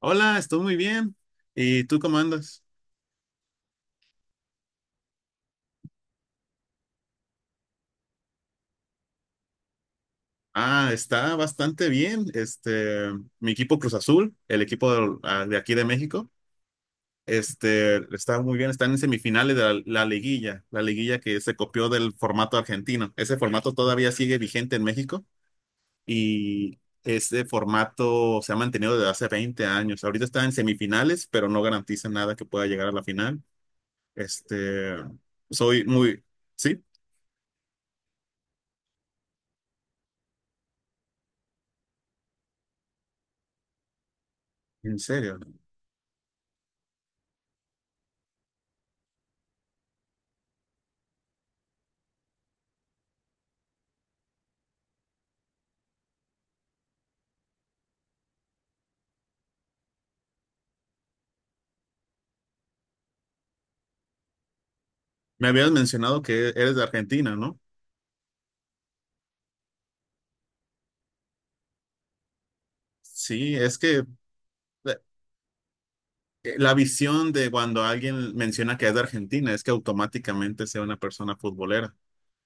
Hola, estoy muy bien. ¿Y tú cómo andas? Ah, está bastante bien. Mi equipo Cruz Azul, el equipo de, de aquí de México, está muy bien. Están en semifinales de la liguilla, la liguilla que se copió del formato argentino. Ese formato todavía sigue vigente en México y ese formato se ha mantenido desde hace 20 años. Ahorita está en semifinales, pero no garantiza nada que pueda llegar a la final. Este, soy muy, sí, en serio. Me habías mencionado que eres de Argentina, ¿no? Sí, es que la la visión de cuando alguien menciona que es de Argentina es que automáticamente sea una persona futbolera.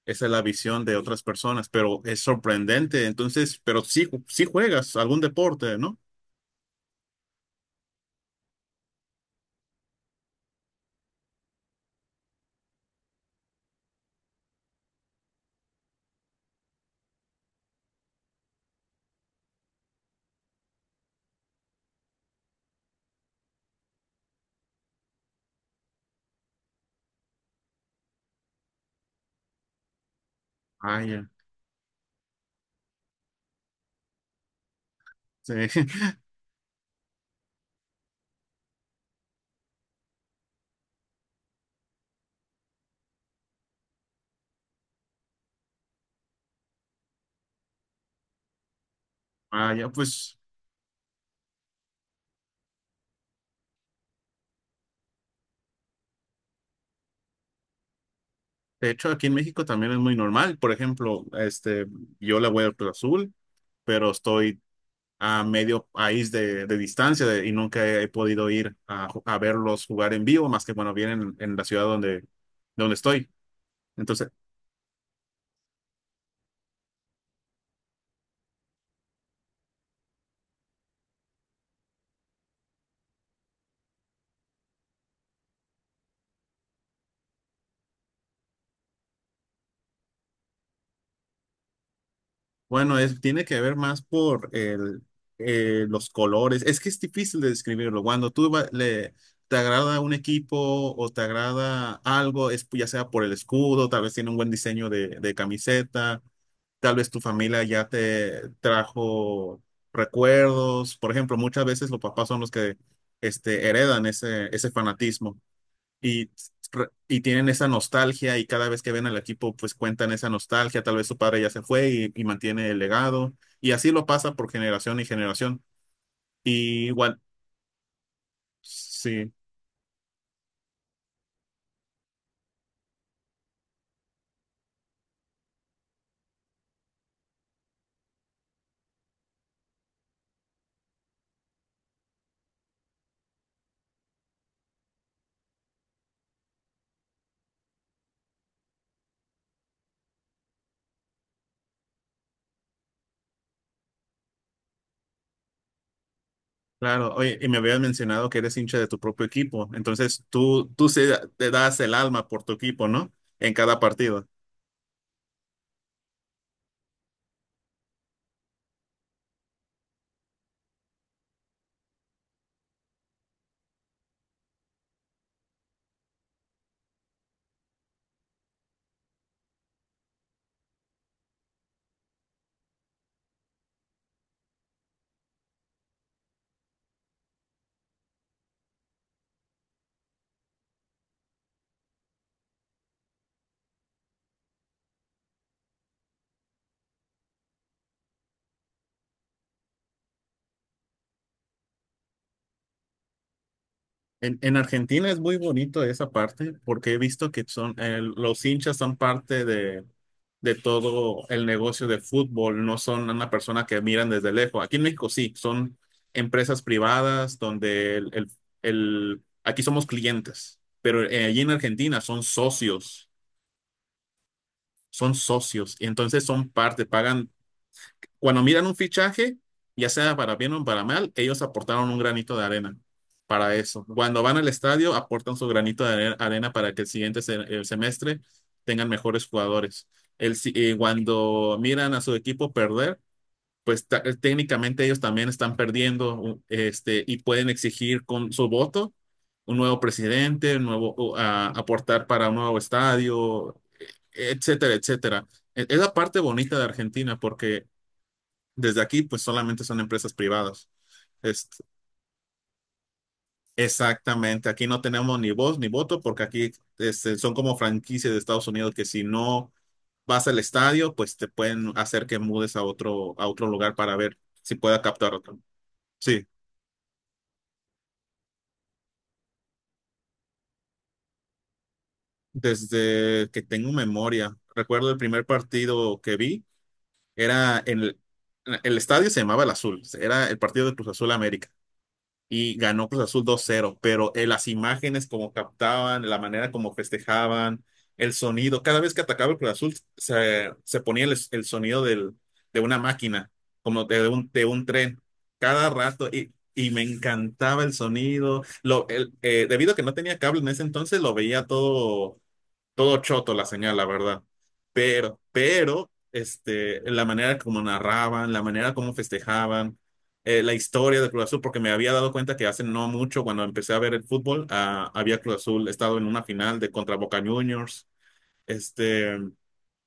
Esa es la visión de otras personas, pero es sorprendente. Entonces, pero sí, sí juegas algún deporte, ¿no? Ah, ya. Sí. Ah, ya, pues, de hecho, aquí en México también es muy normal. Por ejemplo, yo le voy al Cruz Azul, pero estoy a medio país de distancia y nunca he podido ir a, a verlos jugar en vivo, más que bueno, vienen en la ciudad donde estoy. Entonces, bueno, es, tiene que ver más por el, los colores. Es que es difícil de describirlo. Cuando tú le, te agrada un equipo o te agrada algo, es ya sea por el escudo, tal vez tiene un buen diseño de camiseta. Tal vez tu familia ya te trajo recuerdos. Por ejemplo, muchas veces los papás son los que heredan ese fanatismo y, y tienen esa nostalgia y cada vez que ven al equipo, pues cuentan esa nostalgia. Tal vez su padre ya se fue y mantiene el legado. Y así lo pasa por generación y generación. Y igual, sí, claro. Oye, y me habías mencionado que eres hincha de tu propio equipo. Entonces, tú te das el alma por tu equipo, ¿no? En cada partido. En Argentina es muy bonito esa parte porque he visto que son los hinchas son parte de todo el negocio de fútbol, no son una persona que miran desde lejos. Aquí en México sí, son empresas privadas donde aquí somos clientes, pero allí en Argentina son socios y entonces son parte, pagan cuando miran un fichaje, ya sea para bien o para mal, ellos aportaron un granito de arena para eso. Cuando van al estadio, aportan su granito de arena para que el siguiente el semestre tengan mejores jugadores. El, cuando miran a su equipo perder, pues técnicamente ellos también están perdiendo y pueden exigir con su voto un nuevo presidente, un nuevo, o, aportar para un nuevo estadio, etcétera, etcétera. Es la parte bonita de Argentina porque desde aquí, pues solamente son empresas privadas. Este, exactamente, aquí no tenemos ni voz ni voto porque aquí son como franquicias de Estados Unidos que si no vas al estadio, pues te pueden hacer que mudes a otro lugar para ver si pueda captar otro. Sí, desde que tengo memoria, recuerdo el primer partido que vi, era en el estadio se llamaba El Azul, era el partido de Cruz Azul América. Y ganó Cruz Azul 2-0, pero las imágenes como captaban, la manera como festejaban, el sonido, cada vez que atacaba el Cruz Azul se ponía el sonido de una máquina, como de un tren, cada rato y me encantaba el sonido. Lo, el, debido a que no tenía cable en ese entonces, lo veía todo choto la señal, la verdad. Pero, la manera como narraban, la manera como festejaban, la historia de Cruz Azul, porque me había dado cuenta que hace no mucho, cuando empecé a ver el fútbol, había Cruz Azul estado en una final de contra Boca Juniors. Este,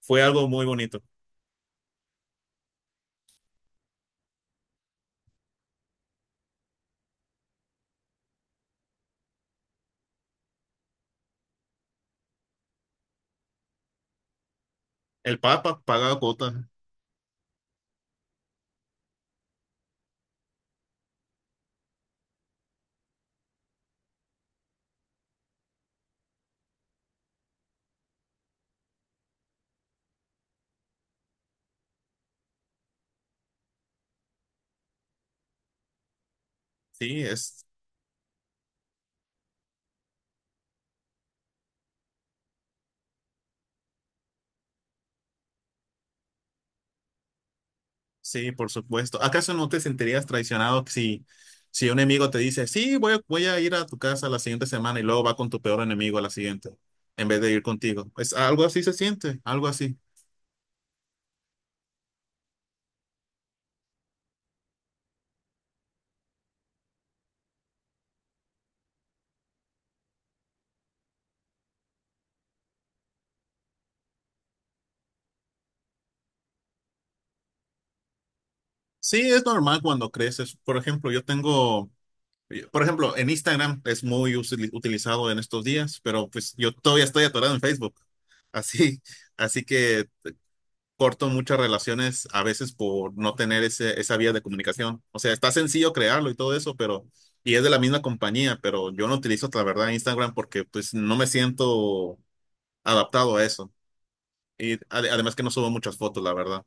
fue algo muy bonito. El Papa pagaba cuota. Sí, es Sí, por supuesto. ¿Acaso no te sentirías traicionado si, si un enemigo te dice, sí, voy a ir a tu casa la siguiente semana y luego va con tu peor enemigo a la siguiente, en vez de ir contigo? Es algo así se siente, algo así. Sí, es normal cuando creces. Por ejemplo, yo tengo, por ejemplo, en Instagram es muy utilizado en estos días, pero pues yo todavía estoy atorado en Facebook. Así, así que corto muchas relaciones a veces por no tener ese, esa vía de comunicación. O sea, está sencillo crearlo y todo eso, pero, y es de la misma compañía, pero yo no utilizo, la verdad, Instagram porque pues no me siento adaptado a eso. Y además que no subo muchas fotos, la verdad.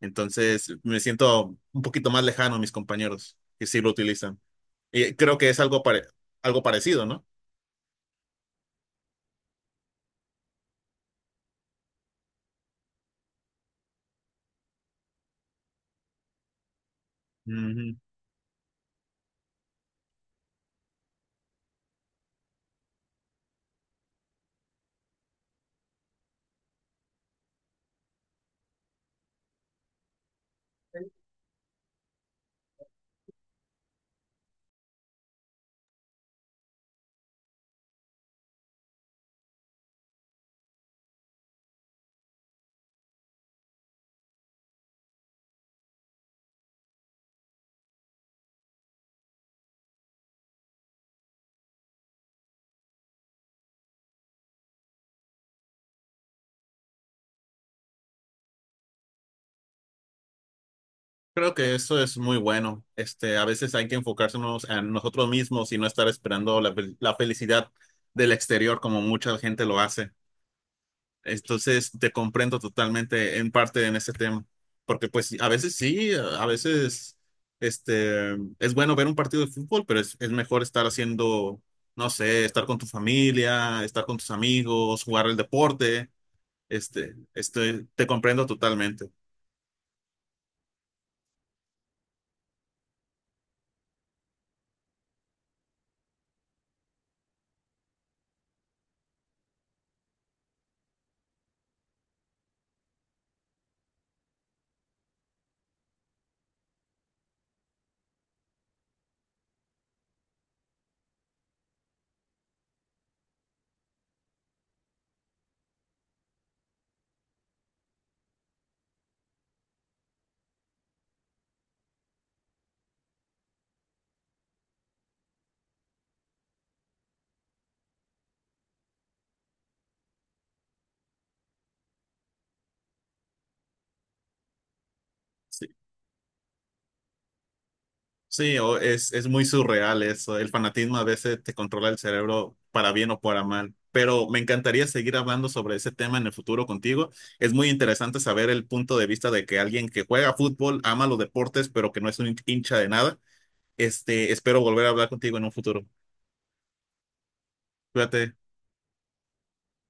Entonces, me siento un poquito más lejano a mis compañeros que sí lo utilizan. Y creo que es algo parecido, ¿no? Ujú. Creo que eso es muy bueno. A veces hay que enfocarse en nosotros mismos y no estar esperando la felicidad del exterior como mucha gente lo hace. Entonces, te comprendo totalmente en parte en ese tema, porque pues a veces sí, a veces este, es bueno ver un partido de fútbol, pero es mejor estar haciendo, no sé, estar con tu familia, estar con tus amigos, jugar el deporte. Te comprendo totalmente. Sí, es muy surreal eso. El fanatismo a veces te controla el cerebro para bien o para mal. Pero me encantaría seguir hablando sobre ese tema en el futuro contigo. Es muy interesante saber el punto de vista de que alguien que juega fútbol, ama los deportes, pero que no es un hincha de nada. Espero volver a hablar contigo en un futuro. Cuídate.